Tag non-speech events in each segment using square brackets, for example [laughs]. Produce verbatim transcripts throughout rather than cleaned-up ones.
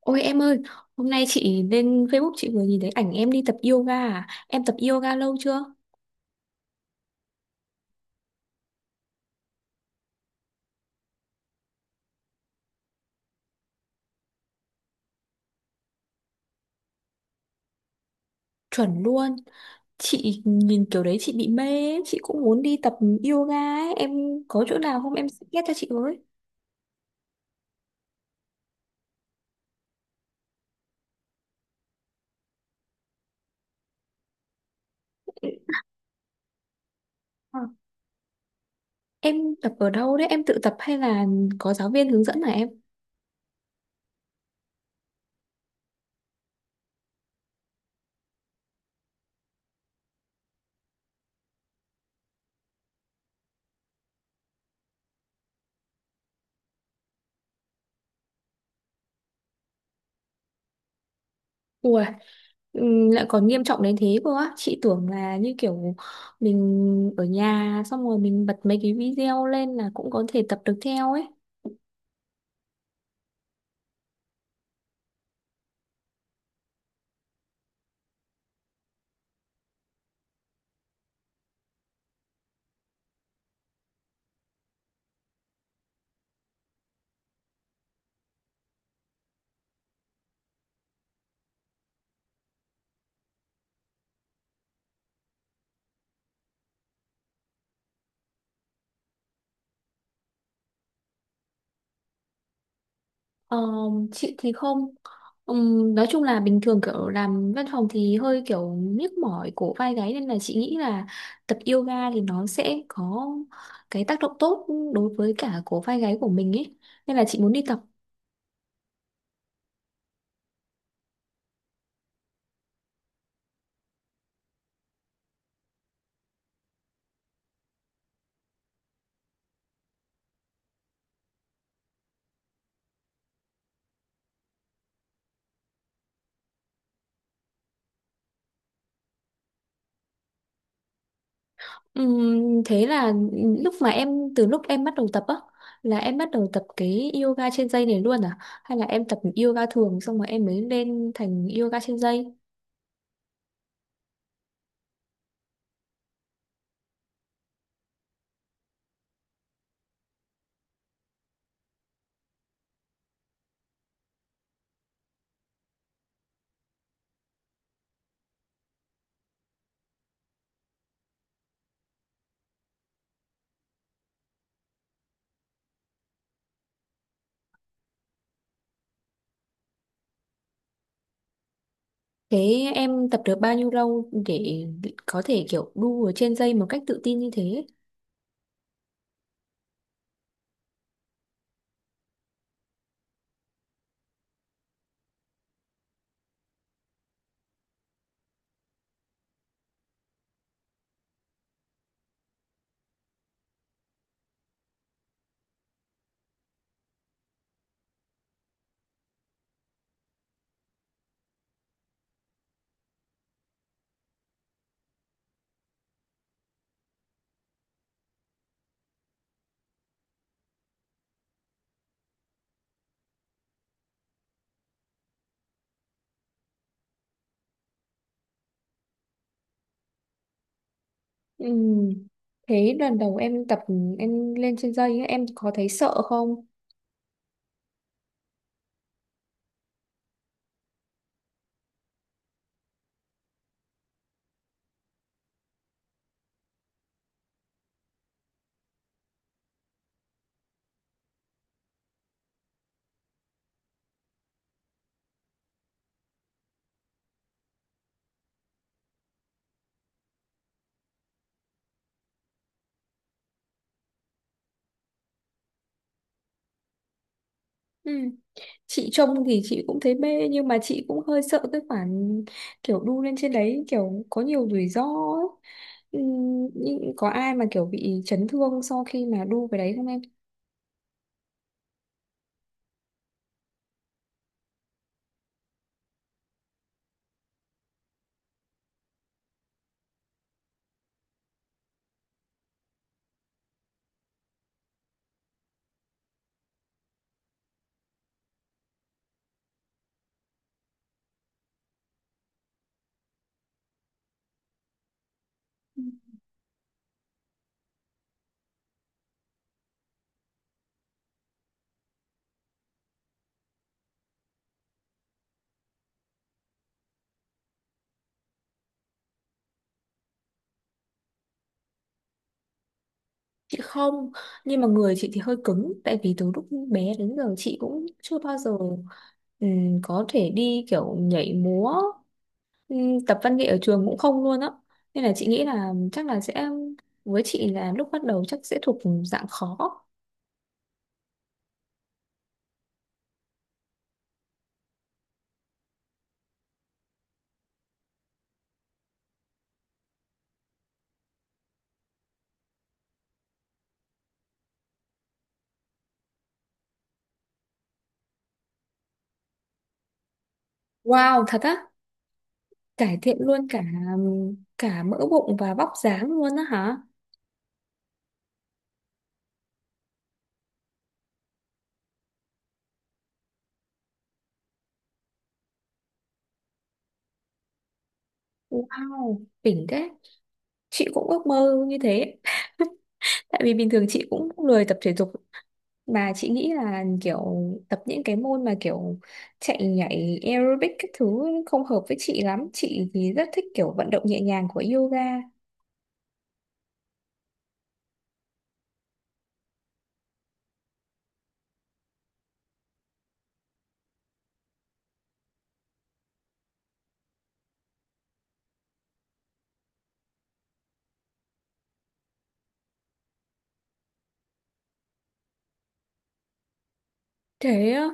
Ôi em ơi, hôm nay chị lên Facebook chị vừa nhìn thấy ảnh em đi tập yoga à? Em tập yoga lâu chưa? Chuẩn luôn. Chị nhìn kiểu đấy chị bị mê, ấy. Chị cũng muốn đi tập yoga ấy. Em có chỗ nào không, em suggest cho chị với. Ờ, Em tập ở đâu đấy? Em tự tập hay là có giáo viên hướng dẫn hả em? Ủa, ừm, lại còn nghiêm trọng đến thế cơ á. Chị tưởng là như kiểu mình ở nhà xong rồi mình bật mấy cái video lên là cũng có thể tập được theo ấy. Ờ, chị thì không. Ừm, nói chung là bình thường kiểu làm văn phòng thì hơi kiểu nhức mỏi cổ vai gáy, nên là chị nghĩ là tập yoga thì nó sẽ có cái tác động tốt đối với cả cổ vai gáy của mình ấy, nên là chị muốn đi tập. Ừm, thế là lúc mà em từ lúc em bắt đầu tập á là em bắt đầu tập cái yoga trên dây này luôn à, hay là em tập yoga thường xong rồi em mới lên thành yoga trên dây? Thế em tập được bao nhiêu lâu để có thể kiểu đu ở trên dây một cách tự tin như thế? Ừm, Thế lần đầu em tập em lên trên dây ấy, em có thấy sợ không? Ừm, Chị trông thì chị cũng thấy mê nhưng mà chị cũng hơi sợ cái khoản kiểu đu lên trên đấy, kiểu có nhiều rủi ro ấy. Ừm, nhưng có ai mà kiểu bị chấn thương sau khi mà đu cái đấy không em? Chị không, nhưng mà người chị thì hơi cứng. Tại vì từ lúc bé đến giờ chị cũng chưa bao giờ ừm, có thể đi kiểu nhảy múa, ừm, tập văn nghệ ở trường cũng không luôn á. Nên là chị nghĩ là chắc là sẽ, với chị là lúc bắt đầu chắc sẽ thuộc dạng khó. Wow, thật á, cải thiện luôn cả cả mỡ bụng và vóc dáng luôn á hả? Wow, đỉnh thế. Chị cũng ước mơ như thế. [laughs] Tại vì bình thường chị cũng lười tập thể dục. Mà chị nghĩ là kiểu tập những cái môn mà kiểu chạy nhảy aerobic các thứ không hợp với chị lắm. Chị thì rất thích kiểu vận động nhẹ nhàng của yoga. Thế á,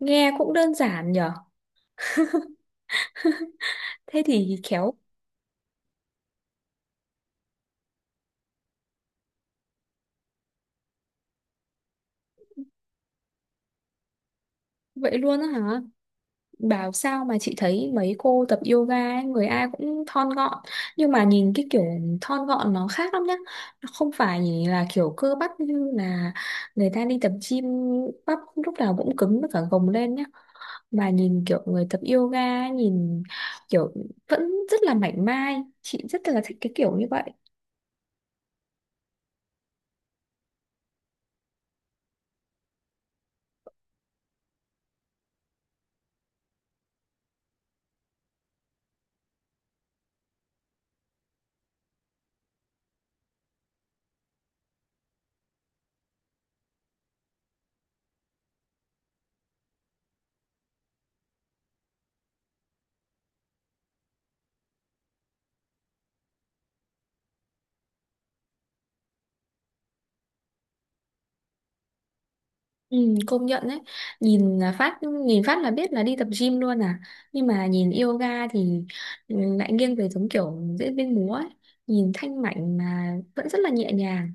nghe cũng đơn giản nhở. Thế thì khéo vậy luôn á hả? Bảo sao mà chị thấy mấy cô tập yoga ấy, người ai cũng thon gọn. Nhưng mà nhìn cái kiểu thon gọn nó khác lắm nhá. Nó không phải là kiểu cơ bắp như là người ta đi tập gym, bắp lúc nào cũng cứng với cả gồng lên nhá. Bà nhìn kiểu người tập yoga ấy, nhìn kiểu vẫn rất là mảnh mai, chị rất là thích cái kiểu như vậy. Ừ, công nhận đấy, nhìn là phát, nhìn phát là biết là đi tập gym luôn à, nhưng mà nhìn yoga thì ừ, lại nghiêng về giống kiểu diễn viên múa ấy, nhìn thanh mảnh mà vẫn rất là nhẹ nhàng.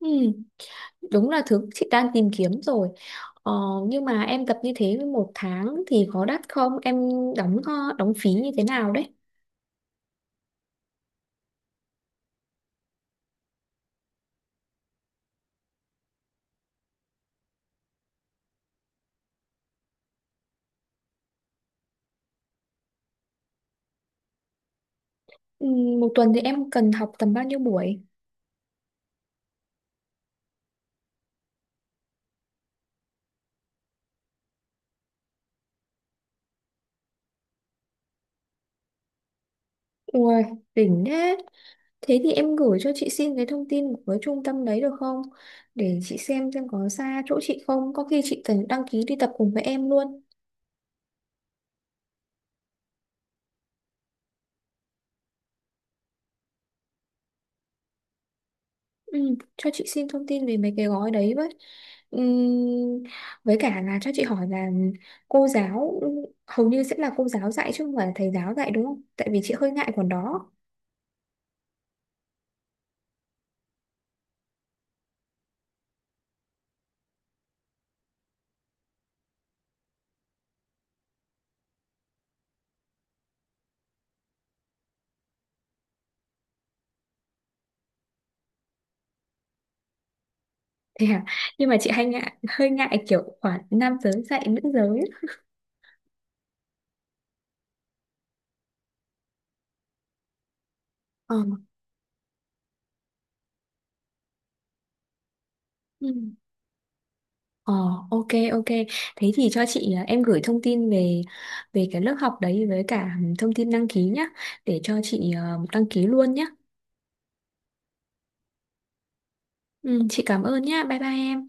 Ừ, đúng là thứ chị đang tìm kiếm rồi. ờ, nhưng mà em tập như thế một tháng thì có đắt không em, đóng ờ, đóng phí như thế nào đấy? Ừ, Một tuần thì em cần học tầm bao nhiêu buổi? Ui, đỉnh thế. Thế thì em gửi cho chị xin cái thông tin của cái trung tâm đấy được không? Để chị xem xem có xa chỗ chị không. Có khi chị cần đăng ký đi tập cùng với em luôn. Ừ, cho chị xin thông tin về mấy cái gói đấy với. Ừm, với cả là cho chị hỏi là cô giáo hầu như sẽ là cô giáo dạy chứ không phải là thầy giáo dạy đúng không? Tại vì chị hơi ngại khoản đó. Thế à? Nhưng mà chị hay ngại, hơi ngại kiểu khoản nam giới dạy nữ giới. Ờ. Ừ. Ờ, ok ok, thế thì cho chị à, em gửi thông tin về về cái lớp học đấy với cả thông tin đăng ký nhá, để cho chị à, đăng ký luôn nhá. Ừ, chị cảm ơn nhá, bye bye em.